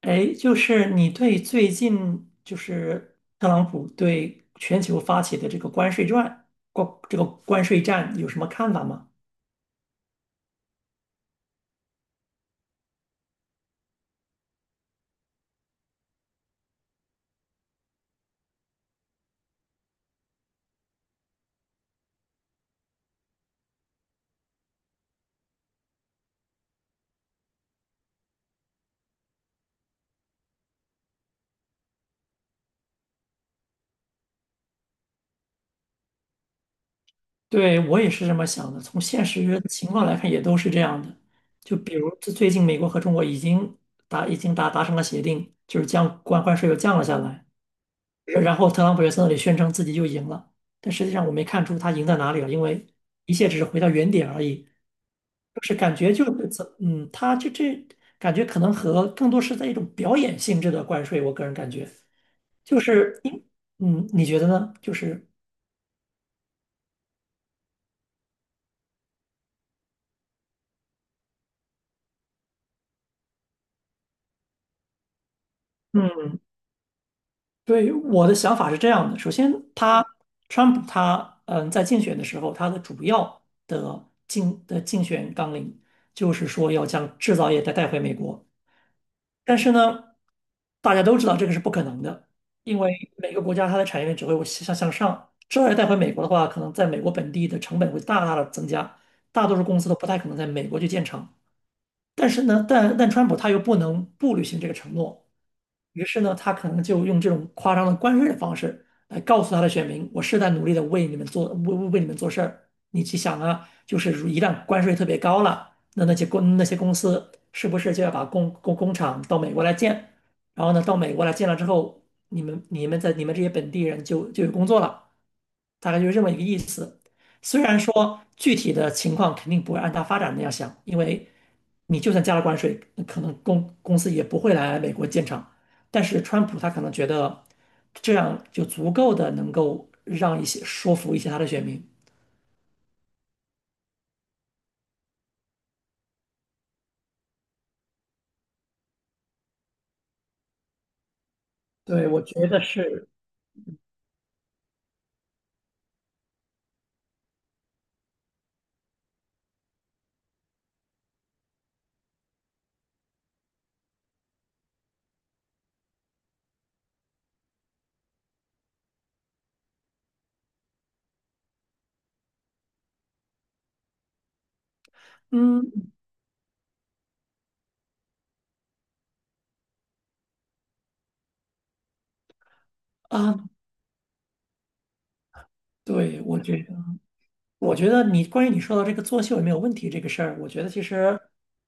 哎，就是你对最近就是特朗普对全球发起的这个关税战，这个关税战有什么看法吗？对，我也是这么想的。从现实情况来看，也都是这样的。就比如这最近美国和中国已经达成了协定，就是将关税又降了下来。然后特朗普又在那里宣称自己又赢了，但实际上我没看出他赢在哪里了，因为一切只是回到原点而已。就是感觉就是怎嗯，它就这感觉可能和更多是在一种表演性质的关税，我个人感觉，就是因嗯，你觉得呢？就是嗯对，我的想法是这样的，首先川普在竞选的时候，他的主要的竞选纲领就是说要将制造业再带回美国。但是呢，大家都知道这个是不可能的，因为每个国家它的产业链只会向上。这要带回美国的话，可能在美国本地的成本会大大的增加，大多数公司都不太可能在美国去建厂。但是呢，但川普他又不能不履行这个承诺，于是呢，他可能就用这种夸张的关税的方式来告诉他的选民，我是在努力的为你们做，为你们做事儿。你去想啊，就是一旦关税特别高了，那那些公司是不是就要把工厂到美国来建？然后呢，到美国来建了之后，你们这些本地人就有工作了，大概就是这么一个意思。虽然说具体的情况肯定不会按它发展那样想，因为你就算加了关税，可能公司也不会来美国建厂。但是川普他可能觉得这样就足够的能够让一些说服一些他的选民。对，我觉得是，嗯啊，对，我觉得你关于你说到这个作秀有没有问题这个事儿，我觉得其实，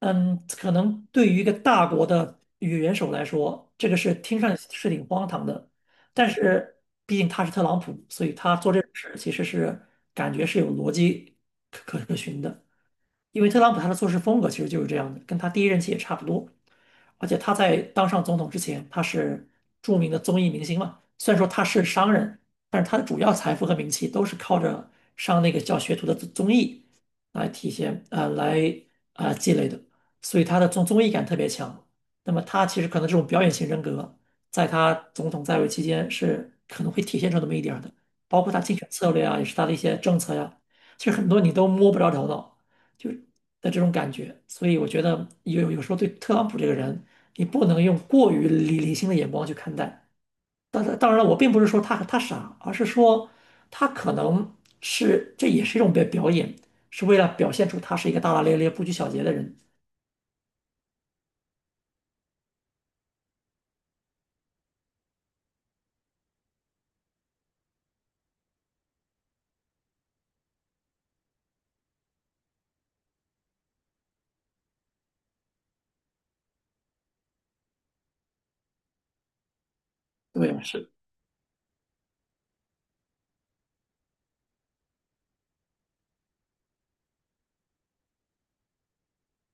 可能对于一个大国的元首来说，这个是听上去是挺荒唐的，但是毕竟他是特朗普，所以他做这种事儿其实是感觉是有逻辑可循的。因为特朗普他的做事风格其实就是这样的，跟他第一任期也差不多。而且他在当上总统之前，他是著名的综艺明星嘛。虽然说他是商人，但是他的主要财富和名气都是靠着上那个叫学徒的综艺来体现啊呃来啊、呃积累的，所以他的综艺感特别强。那么他其实可能这种表演型人格，在他总统在位期间是可能会体现出那么一点儿的，包括他竞选策略啊，也是他的一些政策呀、其实很多你都摸不着头脑。就的这种感觉。所以我觉得有时候对特朗普这个人，你不能用过于理性的眼光去看待。当然了，我并不是说他傻，而是说他可能是这也是一种表演，是为了表现出他是一个大大咧咧、不拘小节的人。对，是，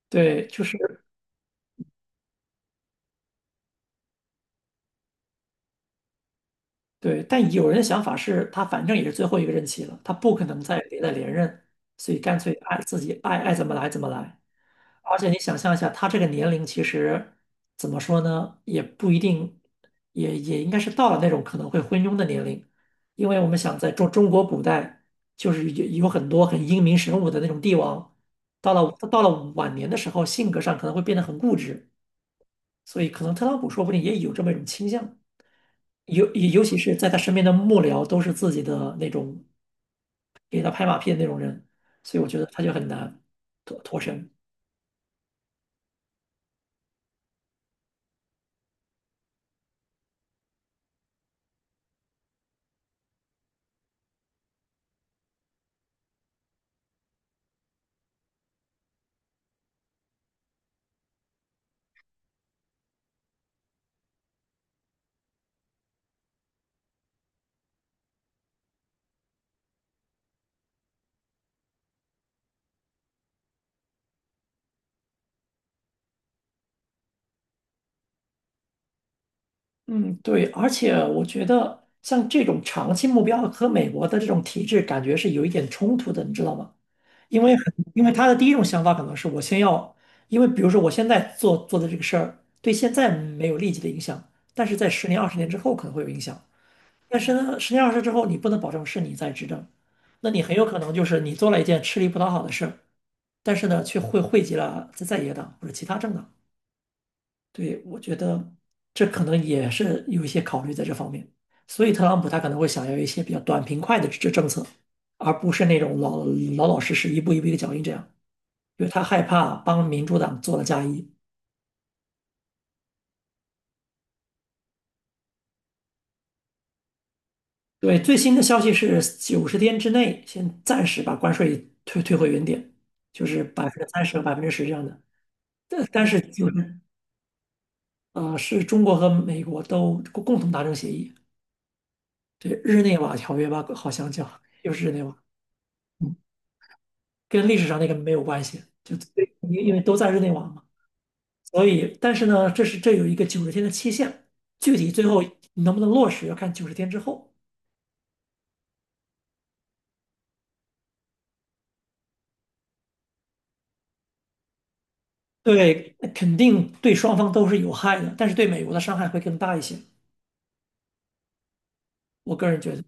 对，就是。对，但有人的想法是他反正也是最后一个任期了，他不可能再连任，所以干脆爱自己爱爱怎么来怎么来。而且你想象一下，他这个年龄其实怎么说呢，也不一定，也应该是到了那种可能会昏庸的年龄，因为我们想在中国古代，就是有很多很英明神武的那种帝王，到了晚年的时候，性格上可能会变得很固执，所以可能特朗普说不定也有这么一种倾向。尤其是在他身边的幕僚都是自己的那种给他拍马屁的那种人，所以我觉得他就很难脱身。嗯，对，而且我觉得像这种长期目标和美国的这种体制感觉是有一点冲突的，你知道吗？因为很，因为他的第一种想法可能是我先要，因为比如说我现在做的这个事儿，对现在没有立即的影响，但是在十年、20年之后可能会有影响。但是呢，十年二十之后，你不能保证是你在执政，那你很有可能就是你做了一件吃力不讨好的事儿，但是呢，却会惠及了在野党或者其他政党。对，我觉得这可能也是有一些考虑在这方面，所以特朗普他可能会想要一些比较短平快的政策，而不是那种老老实实一步一步一个脚印这样，因为他害怕帮民主党做了嫁衣。对，最新的消息是九十天之内先暂时把关税退回原点，就是30%和10%这样的。这但是就是呃，是中国和美国都共同达成协议，对日内瓦条约吧，好像叫又是日内瓦，嗯，跟历史上那个没有关系，就对，因为都在日内瓦嘛，所以但是呢，这有一个九十天的期限，具体最后能不能落实要看九十天之后。对，肯定对双方都是有害的，但是对美国的伤害会更大一些，我个人觉得，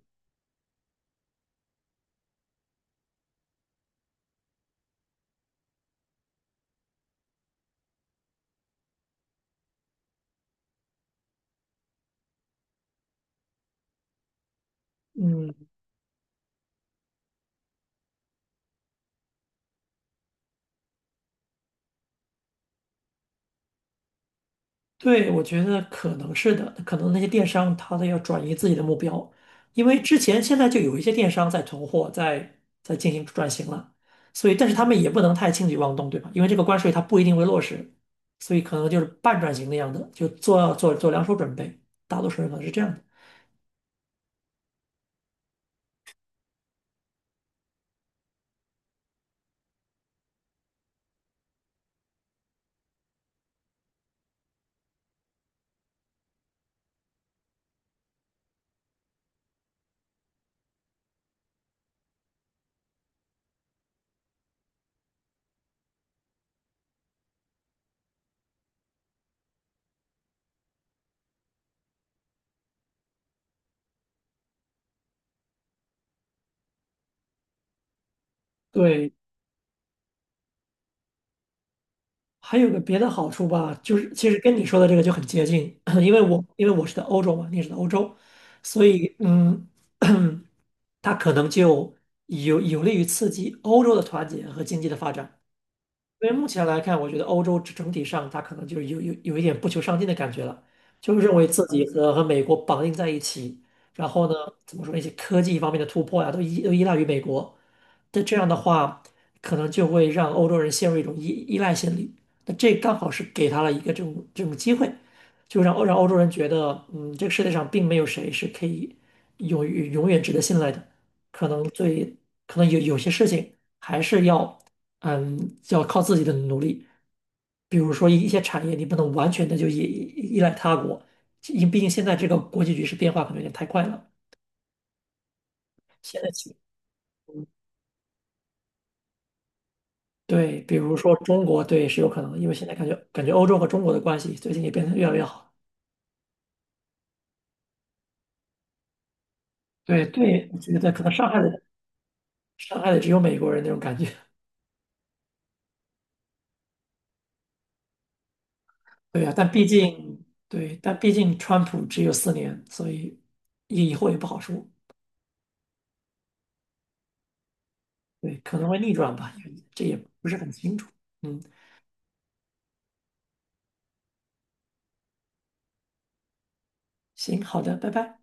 嗯。对，我觉得可能是的，可能那些电商他都要转移自己的目标，因为现在就有一些电商在囤货，在进行转型了，所以但是他们也不能太轻举妄动，对吧？因为这个关税它不一定会落实，所以可能就是半转型那样的，就做两手准备，大多数人可能是这样的。对，还有个别的好处吧，就是其实跟你说的这个就很接近，因为我是在欧洲嘛，你也是在欧洲，所以。它可能就有利于刺激欧洲的团结和经济的发展。因为目前来看，我觉得欧洲整体上，它可能就是有一点不求上进的感觉了，就是认为自己和美国绑定在一起，然后呢，怎么说那些科技方面的突破呀、都依赖于美国。那这样的话，可能就会让欧洲人陷入一种依赖心理。那这刚好是给他了一个这种机会，就让欧洲人觉得，这个世界上并没有谁是可以永远值得信赖的，可能最可能有些事情还是要。要靠自己的努力。比如说一些产业，你不能完全的就依赖他国，毕竟现在这个国际局势变化可能有点太快了。现在起对，比如说中国，对，是有可能因为现在感觉欧洲和中国的关系最近也变得越来越好。对，我觉得可能伤害的只有美国人那种感觉。对啊，但毕竟川普只有4年，所以以后也不好说。对，可能会逆转吧，这也不是很清楚。嗯，行，好的，拜拜。